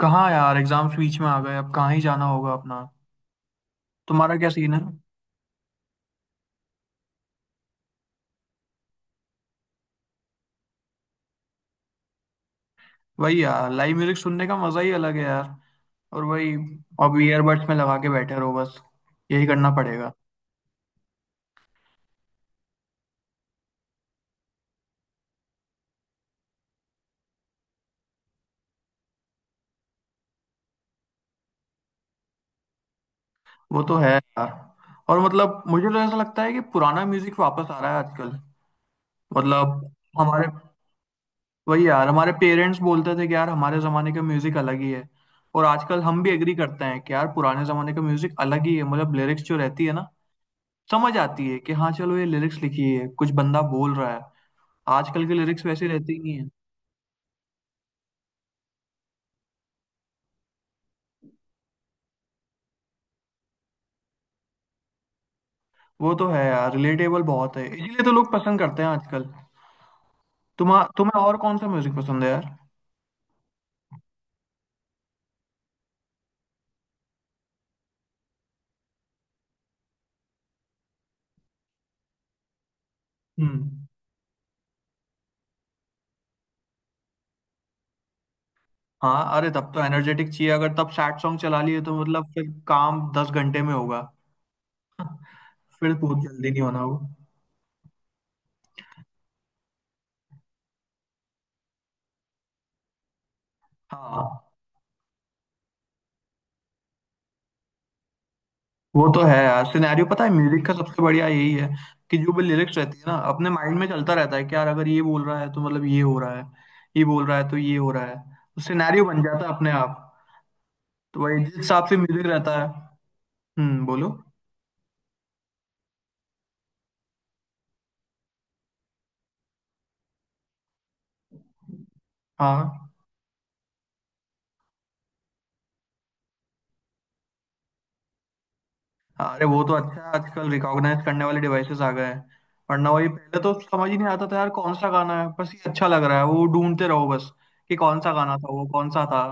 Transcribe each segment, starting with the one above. कहाँ यार, एग्जाम्स बीच में आ गए। अब कहाँ ही जाना होगा अपना। तुम्हारा क्या सीन है? वही यार, लाइव म्यूजिक सुनने का मजा ही अलग है यार। और वही, अब ईयरबड्स में लगा के बैठे रहो बस। यही करना पड़ेगा। वो तो है यार। और मतलब मुझे तो ऐसा लगता है कि पुराना म्यूजिक वापस आ रहा है आजकल। मतलब हमारे, वही यार हमारे पेरेंट्स बोलते थे कि यार हमारे जमाने का म्यूजिक अलग ही है। और आजकल हम भी एग्री करते हैं कि यार पुराने जमाने का म्यूजिक अलग ही है। मतलब लिरिक्स जो रहती है ना, समझ आती है कि हाँ चलो ये लिरिक्स लिखी है, कुछ बंदा बोल रहा है। आजकल की लिरिक्स वैसी रहती ही नहीं है। वो तो है यार, रिलेटेबल बहुत है इसीलिए तो लोग पसंद करते हैं आजकल। तुम्हा तुम्हें और कौन सा म्यूजिक पसंद है यार? हम्म। हाँ अरे, तब तो एनर्जेटिक चाहिए। अगर तब सैड सॉन्ग चला लिए तो मतलब फिर काम दस घंटे में होगा। फिर बहुत जल्दी नहीं होना वो। हाँ, वो तो है यार। सिनेरियो पता है, म्यूजिक का सबसे बढ़िया यही है कि जो भी लिरिक्स रहती है ना, अपने माइंड में चलता रहता है कि यार अगर ये बोल रहा है तो मतलब ये हो रहा है, ये बोल रहा है तो ये हो रहा है। तो सिनेरियो बन जाता है अपने आप। तो वही, जिस हिसाब से म्यूजिक रहता है। हम्म, बोलो। हाँ। हाँ। अरे वो तो अच्छा है, आजकल रिकॉग्नाइज करने वाले डिवाइसेस आ गए हैं। वरना वही, पहले तो समझ ही नहीं आता था यार कौन सा गाना है, बस ये अच्छा लग रहा है वो ढूंढते रहो बस। कि कौन सा गाना था वो, कौन सा था।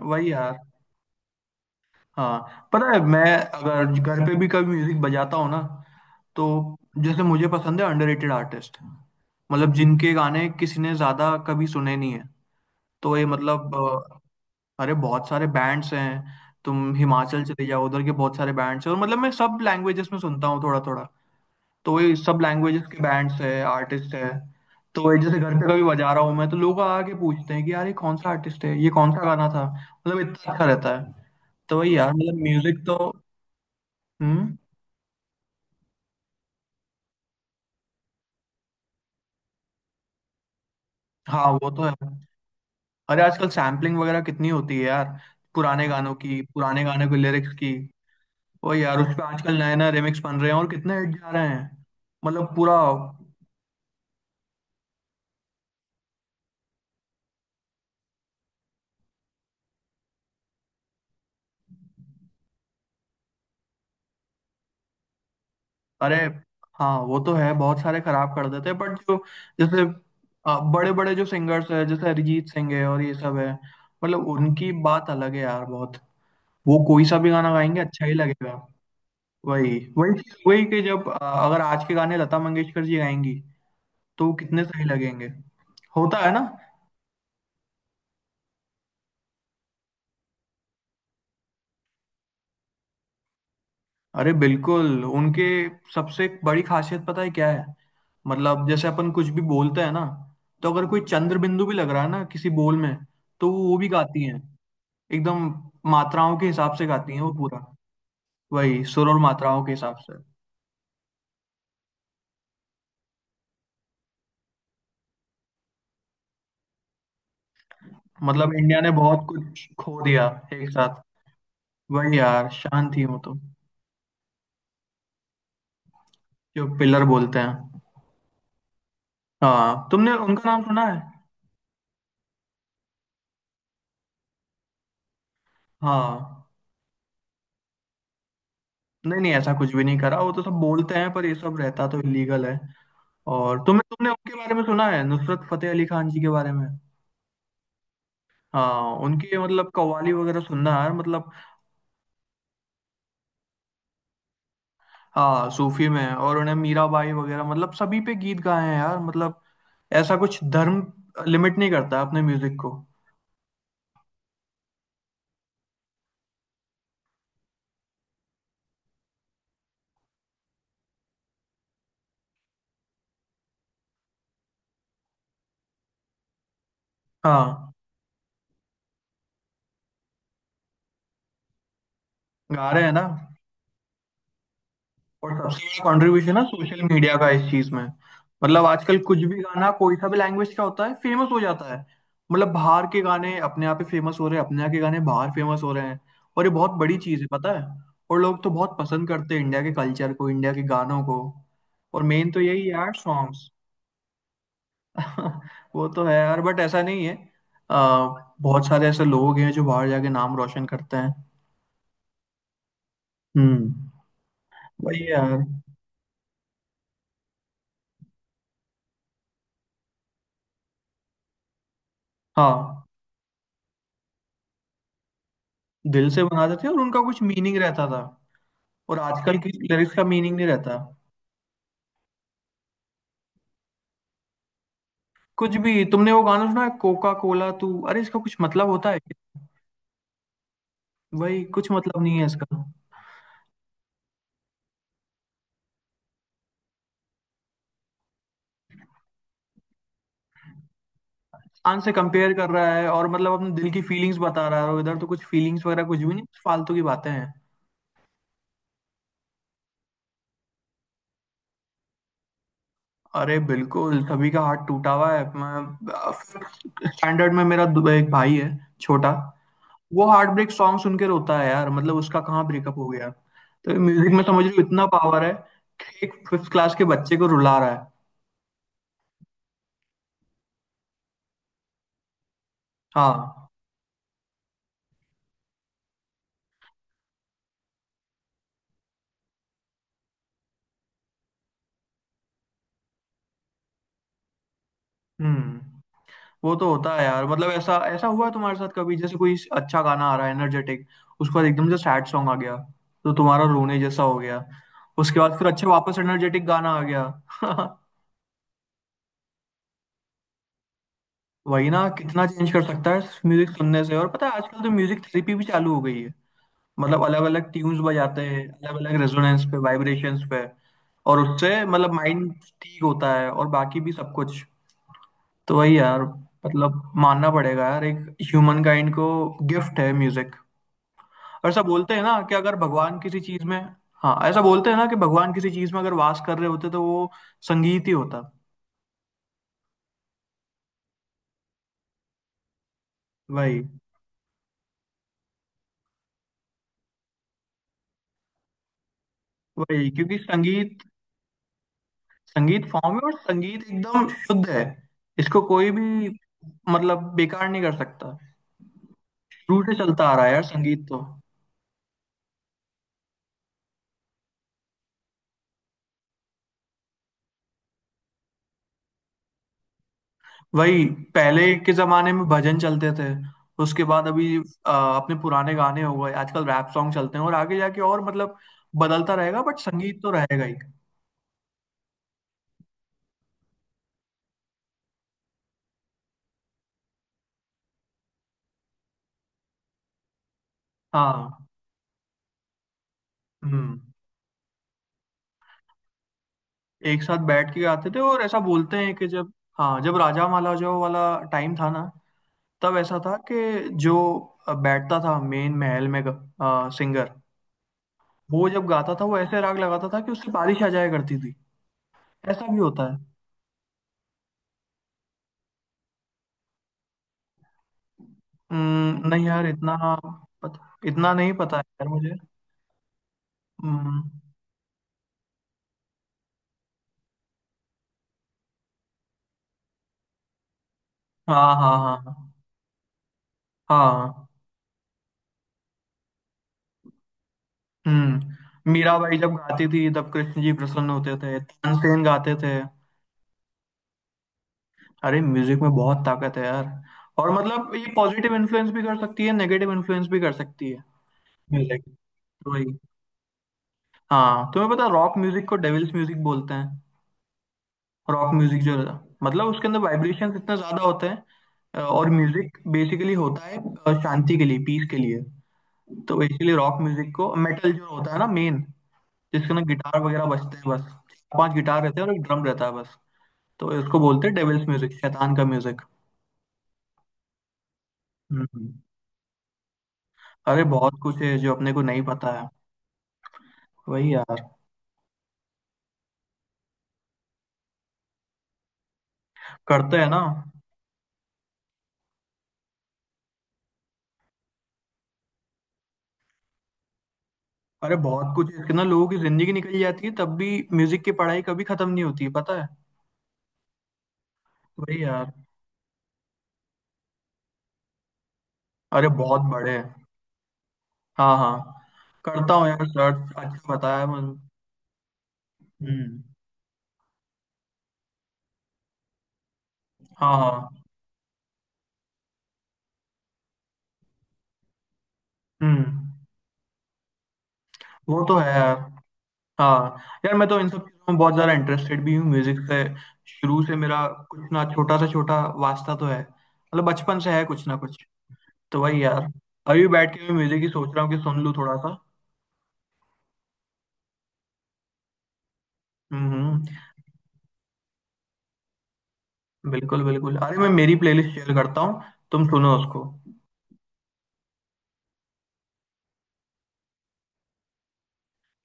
वही यार। हाँ पता है, मैं अगर घर पे भी कभी म्यूजिक बजाता हूँ ना, तो जैसे मुझे पसंद है अंडररेटेड आर्टिस्ट। मतलब जिनके गाने किसी ने ज्यादा कभी सुने नहीं है। तो ये मतलब, अरे बहुत सारे बैंड्स हैं। तुम हिमाचल चले जाओ, उधर के बहुत सारे बैंड्स हैं। और मतलब मैं सब लैंग्वेजेस में सुनता हूँ थोड़ा थोड़ा। तो ये सब लैंग्वेजेस के बैंड्स हैं, आर्टिस्ट हैं। तो ये जैसे घर पे कभी बजा रहा हूँ मैं, तो लोग आके पूछते हैं कि यार ये कौन सा आर्टिस्ट है, ये कौन सा गाना था, मतलब इतना अच्छा रहता है। तो वही यार, मतलब म्यूजिक तो। हम्म। हाँ वो तो है। अरे आजकल सैम्पलिंग वगैरह कितनी होती है यार, पुराने गानों की, पुराने गाने के लिरिक्स की। वही यार, उस पे आजकल नए नए रिमिक्स बन रहे हैं और कितने हिट जा रहे हैं। मतलब पूरा। अरे हाँ वो तो है, बहुत सारे खराब कर देते हैं, बट जो, जैसे बड़े बड़े जो सिंगर्स हैं जैसे अरिजीत सिंह है और ये सब है, मतलब उनकी बात अलग है यार बहुत। वो कोई सा भी गाना गाएंगे अच्छा ही लगेगा। वही वही चीज वही कि जब अगर आज के गाने लता मंगेशकर जी गाएंगी तो वो कितने सही लगेंगे। होता है ना। अरे बिल्कुल, उनके सबसे बड़ी खासियत पता है क्या है? मतलब जैसे अपन कुछ भी बोलते हैं ना, तो अगर कोई चंद्र बिंदु भी लग रहा है ना किसी बोल में, तो वो भी गाती हैं। एकदम मात्राओं के हिसाब से गाती हैं वो पूरा। वही सुर और मात्राओं के हिसाब से। मतलब इंडिया ने बहुत कुछ खो दिया एक साथ। वही यार, शान थी वो तो। जो पिलर बोलते हैं। हाँ, तुमने उनका नाम सुना है? हाँ। नहीं नहीं, ऐसा कुछ भी नहीं करा। वो तो सब बोलते हैं पर ये सब रहता तो इलीगल है। और तुमने तुमने उनके बारे में सुना है, नुसरत फतेह अली खान जी के बारे में? हाँ उनकी मतलब कव्वाली वगैरह सुनना यार मतलब। हाँ, सूफी में। और उन्हें मीराबाई वगैरह मतलब सभी पे गीत गाए हैं यार मतलब, ऐसा कुछ धर्म लिमिट नहीं करता अपने म्यूजिक को। हाँ गा रहे हैं ना। और सबसे बड़ा कंट्रीब्यूशन है सोशल मीडिया का इस चीज में। मतलब आजकल कुछ भी गाना कोई सा भी लैंग्वेज का होता है, फेमस हो जाता है। मतलब बाहर के गाने अपने आप ही फेमस हो रहे हैं, अपने यहाँ के गाने बाहर फेमस हो रहे हैं। और ये बहुत बड़ी चीज है पता है। और लोग तो बहुत पसंद करते हैं इंडिया के कल्चर को, इंडिया के गानों को। और मेन तो यही है यार, सॉन्ग्स। वो तो है यार, बट ऐसा नहीं है। बहुत सारे ऐसे लोग हैं जो बाहर जाके नाम रोशन करते हैं। हम्म। वही यार। हाँ, दिल से बनाते थे और उनका कुछ मीनिंग रहता था। और आजकल की लिरिक्स का मीनिंग नहीं रहता। कुछ भी, तुमने वो गाना सुना है, कोका कोला तू, अरे इसका कुछ मतलब होता है? वही, कुछ मतलब नहीं है इसका। आन से कंपेयर कर रहा है और मतलब अपने दिल की फीलिंग्स बता रहा है, और इधर तो कुछ फीलिंग्स वगैरह कुछ भी नहीं, फालतू की बातें हैं। अरे बिल्कुल, सभी का हार्ट टूटा हुआ है। मैं स्टैंडर्ड में मेरा दो- एक भाई है छोटा, वो हार्ट ब्रेक सॉन्ग सुन के रोता है यार। मतलब उसका कहाँ ब्रेकअप हो गया। तो म्यूजिक में समझ रही हूँ इतना पावर है कि एक फिफ्थ क्लास के बच्चे को रुला रहा है। हाँ। हम्म। वो तो होता है यार। मतलब ऐसा ऐसा हुआ है तुम्हारे साथ कभी, जैसे कोई अच्छा गाना आ रहा है एनर्जेटिक, उसके बाद एकदम से सैड सॉन्ग आ गया, तो तुम्हारा रोने जैसा हो गया, उसके बाद फिर अच्छा वापस एनर्जेटिक गाना आ गया। वही ना, कितना चेंज कर सकता है म्यूजिक सुनने से। और पता है, आजकल तो म्यूजिक थेरेपी भी चालू हो गई है। मतलब अलग अलग ट्यून्स बजाते हैं, अलग अलग रेजोनेंस पे, वाइब्रेशंस पे। और उससे मतलब माइंड ठीक होता है और बाकी भी सब कुछ। तो वही यार, मतलब मानना पड़ेगा यार एक ह्यूमन काइंड को गिफ्ट है म्यूजिक। और ऐसा बोलते हैं ना कि अगर भगवान किसी चीज में, हाँ ऐसा बोलते हैं ना कि भगवान किसी चीज में अगर वास कर रहे होते तो वो संगीत ही होता। वही वही क्योंकि संगीत, संगीत फॉर्म है और संगीत एकदम शुद्ध है। इसको कोई भी मतलब बेकार नहीं कर सकता। रूट से चलता आ रहा है यार संगीत तो। वही, पहले के जमाने में भजन चलते थे, उसके बाद अभी आ, अपने पुराने गाने हो गए, आजकल रैप सॉन्ग चलते हैं और आगे जाके और मतलब बदलता रहेगा, बट संगीत तो रहेगा ही। हाँ। हम्म। एक साथ बैठ के गाते थे। और ऐसा बोलते हैं कि जब, हाँ जब राजा महाराजाओं वाला टाइम था ना, तब ऐसा था कि जो बैठता था मेन महल में, सिंगर, वो जब गाता था, वो ऐसे राग लगाता था कि उससे बारिश आ जाया करती थी। ऐसा भी होता है। नहीं यार इतना पता, इतना नहीं पता है यार मुझे। हम्म। हाँ हाँ हाँ। हाँ हाँ। हम्म, मीराबाई जब गाती थी तब कृष्ण जी प्रसन्न होते थे, तानसेन गाते थे। अरे म्यूजिक में बहुत ताकत है यार। और मतलब ये पॉजिटिव इन्फ्लुएंस भी कर सकती है, नेगेटिव इन्फ्लुएंस भी कर सकती है म्यूजिक। वही। हाँ तुम्हें पता, रॉक म्यूजिक को डेविल्स म्यूजिक बोलते हैं। रॉक म्यूजिक जो है, मतलब उसके अंदर वाइब्रेशंस इतने ज्यादा होते हैं, और म्यूजिक बेसिकली होता है शांति के लिए, पीस के लिए। तो इसीलिए रॉक म्यूजिक को, मेटल जो होता है ना मेन, जिसके ना गिटार वगैरह बजते हैं, बस चार पांच गिटार रहते हैं और एक ड्रम रहता है बस, तो इसको बोलते हैं डेविल्स म्यूजिक, शैतान का म्यूजिक। हम्म। अरे बहुत कुछ है जो अपने को नहीं पता है। वही यार। करते हैं ना। अरे बहुत कुछ है इसके ना, लोगों की जिंदगी निकल जाती है तब भी म्यूजिक की पढ़ाई कभी खत्म नहीं होती है, पता है। वही यार। अरे बहुत बड़े हैं। हाँ हाँ। करता हूँ यार सर्च, अच्छा बताया मुझे। हम्म। हाँ हाँ। हम्म। वो तो है यार। हाँ। यार मैं तो इन सब चीज़ों में बहुत ज़्यादा इंटरेस्टेड भी हूँ म्यूज़िक से। शुरू से मेरा कुछ ना छोटा सा छोटा वास्ता तो है, मतलब बचपन से है कुछ ना कुछ। तो वही यार। अभी बैठ के मैं म्यूज़िक ही सोच रहा हूँ कि सुन लूँ थोड़ा सा। हम्म। बिल्कुल बिल्कुल, अरे मैं मेरी प्लेलिस्ट शेयर करता हूँ, तुम सुनो उसको।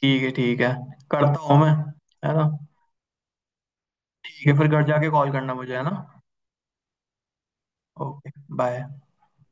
ठीक है ठीक है, करता हूँ मैं, है ना। ठीक है, फिर घर जाके कॉल करना मुझे, है ना। Okay bye.